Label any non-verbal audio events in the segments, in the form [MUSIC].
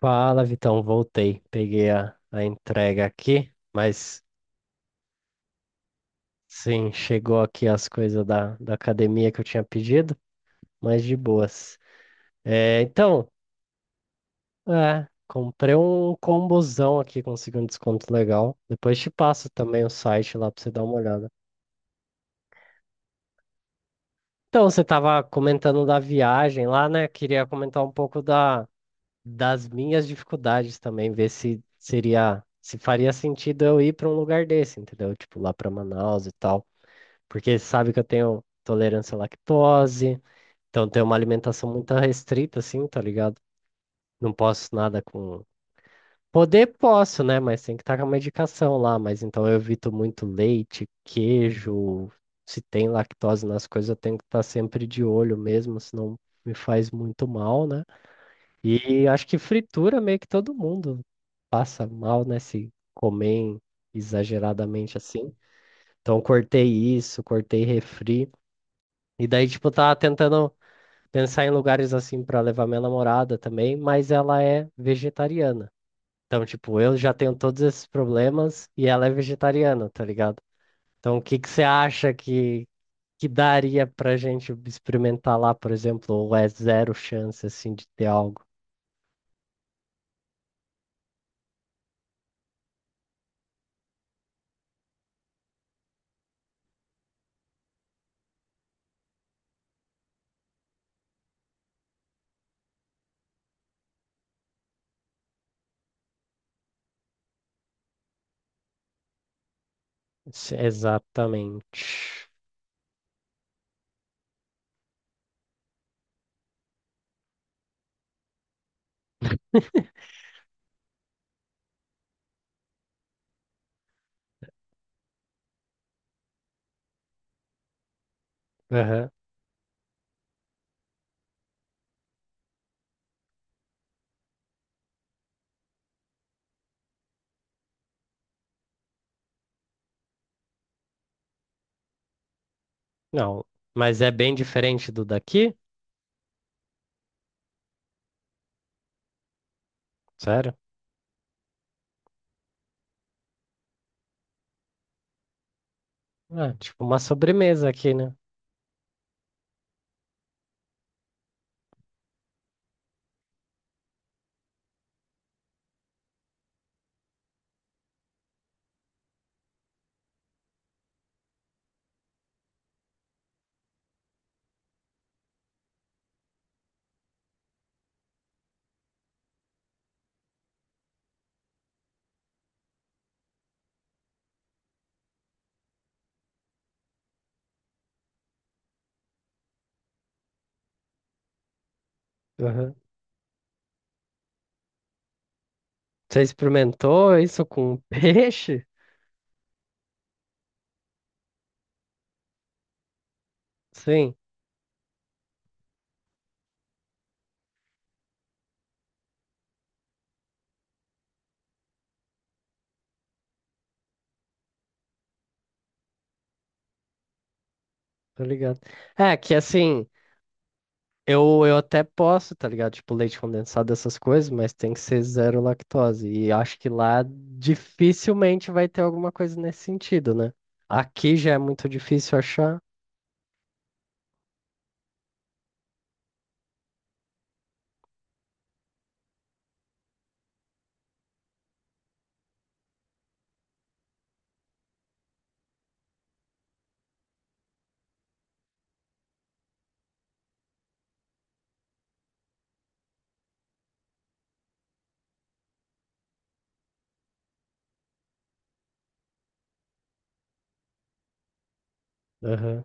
Fala, Vitão, voltei. Peguei a entrega aqui, mas sim, chegou aqui as coisas da academia que eu tinha pedido, mas de boas. É, então, comprei um combozão aqui, consegui um desconto legal. Depois te passo também o site lá pra você dar uma olhada. Então, você tava comentando da viagem lá, né? Queria comentar um pouco da, das minhas dificuldades também, ver se seria, se faria sentido eu ir para um lugar desse, entendeu? Tipo, lá para Manaus e tal. Porque sabe que eu tenho tolerância à lactose, então tenho uma alimentação muito restrita, assim, tá ligado? Não posso nada com. Poder posso, né? Mas tem que estar com a medicação lá. Mas então eu evito muito leite, queijo. Se tem lactose nas coisas, eu tenho que estar sempre de olho mesmo, senão me faz muito mal, né? E acho que fritura meio que todo mundo passa mal, né? Se comer exageradamente assim. Então cortei isso, cortei refri. E daí, tipo, tava tentando pensar em lugares assim pra levar minha namorada também, mas ela é vegetariana. Então, tipo, eu já tenho todos esses problemas e ela é vegetariana, tá ligado? Então, o que que você acha que daria pra gente experimentar lá, por exemplo, ou é zero chance, assim, de ter algo? Se- Exatamente. Aham. Não, mas é bem diferente do daqui? Sério? Ah, tipo uma sobremesa aqui, né? Aham. Você experimentou isso com [LAUGHS] peixe? Sim, tô ligado. É, que assim, eu até posso, tá ligado? Tipo, leite condensado, essas coisas, mas tem que ser zero lactose. E acho que lá dificilmente vai ter alguma coisa nesse sentido, né? Aqui já é muito difícil achar. Aham.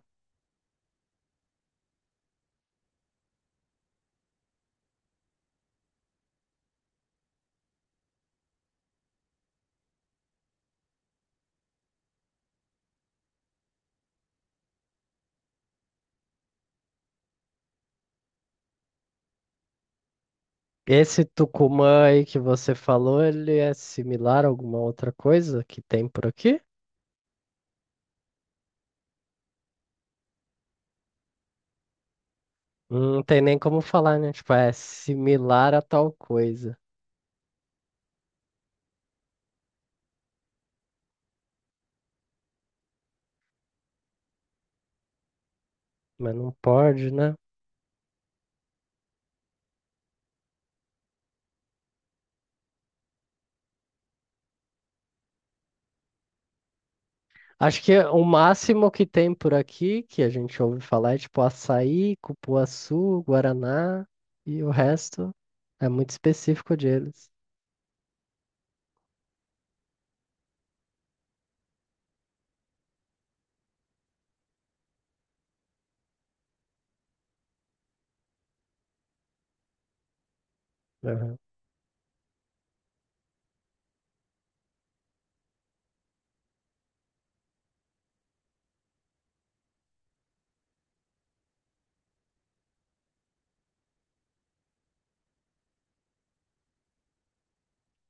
Esse Tucumã aí que você falou, ele é similar a alguma outra coisa que tem por aqui? Não tem nem como falar, né? Tipo, é similar a tal coisa, mas não pode, né? Acho que o máximo que tem por aqui, que a gente ouve falar, é tipo açaí, cupuaçu, guaraná, e o resto é muito específico deles. Aham,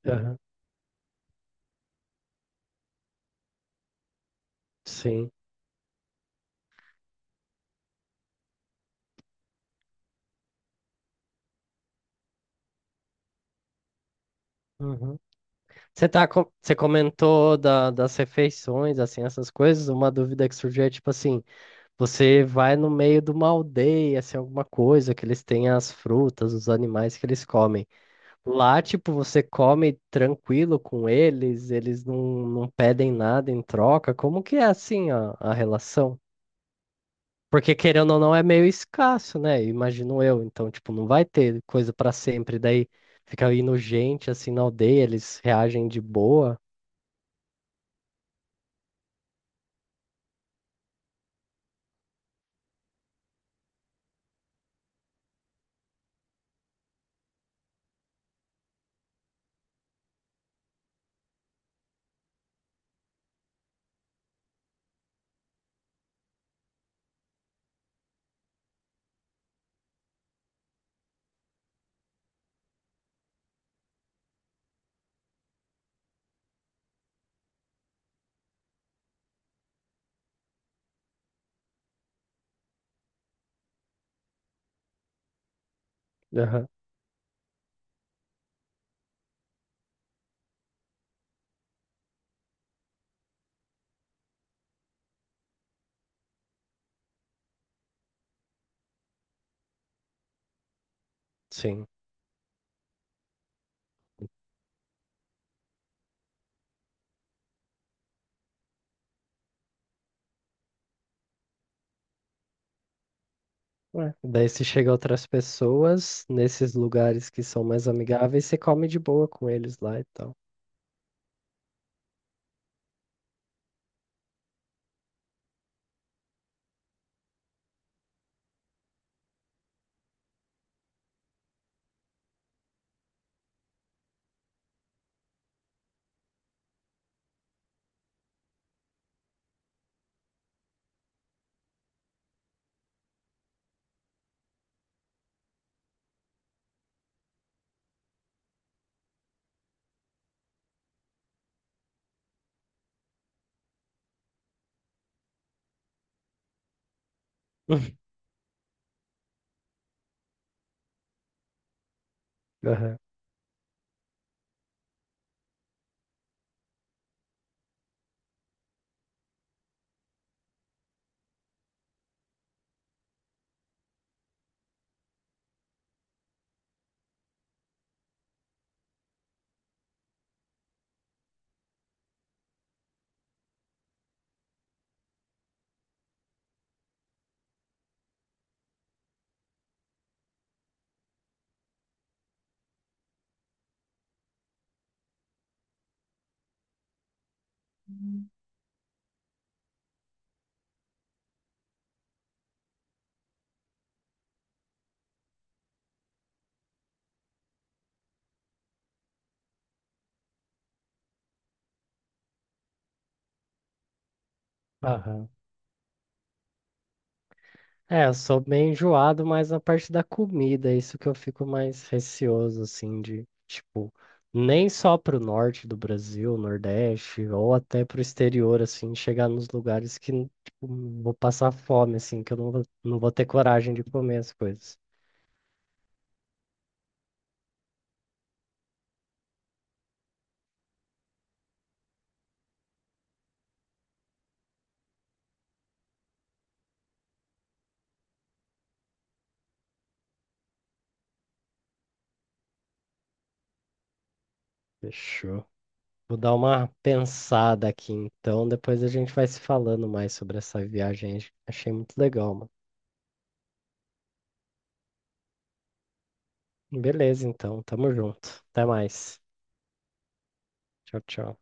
aham. Sim. Uhum. Você tá, co- você comentou da, das refeições, assim, essas coisas. Uma dúvida que surgiu é tipo assim: você vai no meio de uma aldeia, assim, alguma coisa que eles têm as frutas, os animais que eles comem. Lá, tipo, você come tranquilo com eles, eles não, não pedem nada em troca. Como que é assim a relação? Porque querendo ou não é meio escasso, né? Imagino eu. Então, tipo, não vai ter coisa pra sempre. Daí fica indo gente assim na aldeia, eles reagem de boa. Aham, sim. Ué, daí se chega outras pessoas nesses lugares que são mais amigáveis, você come de boa com eles lá e tal. [LAUGHS] Aham. Aham. É, eu sou bem enjoado, mas na parte da comida, é isso que eu fico mais receoso, assim, de, tipo, nem só pro norte do Brasil, Nordeste, ou até pro exterior, assim, chegar nos lugares que, tipo, vou passar fome, assim, que eu não vou ter coragem de comer as coisas. Fechou. Vou dar uma pensada aqui, então, depois a gente vai se falando mais sobre essa viagem. Achei muito legal, mano. Beleza, então, tamo junto. Até mais. Tchau, tchau.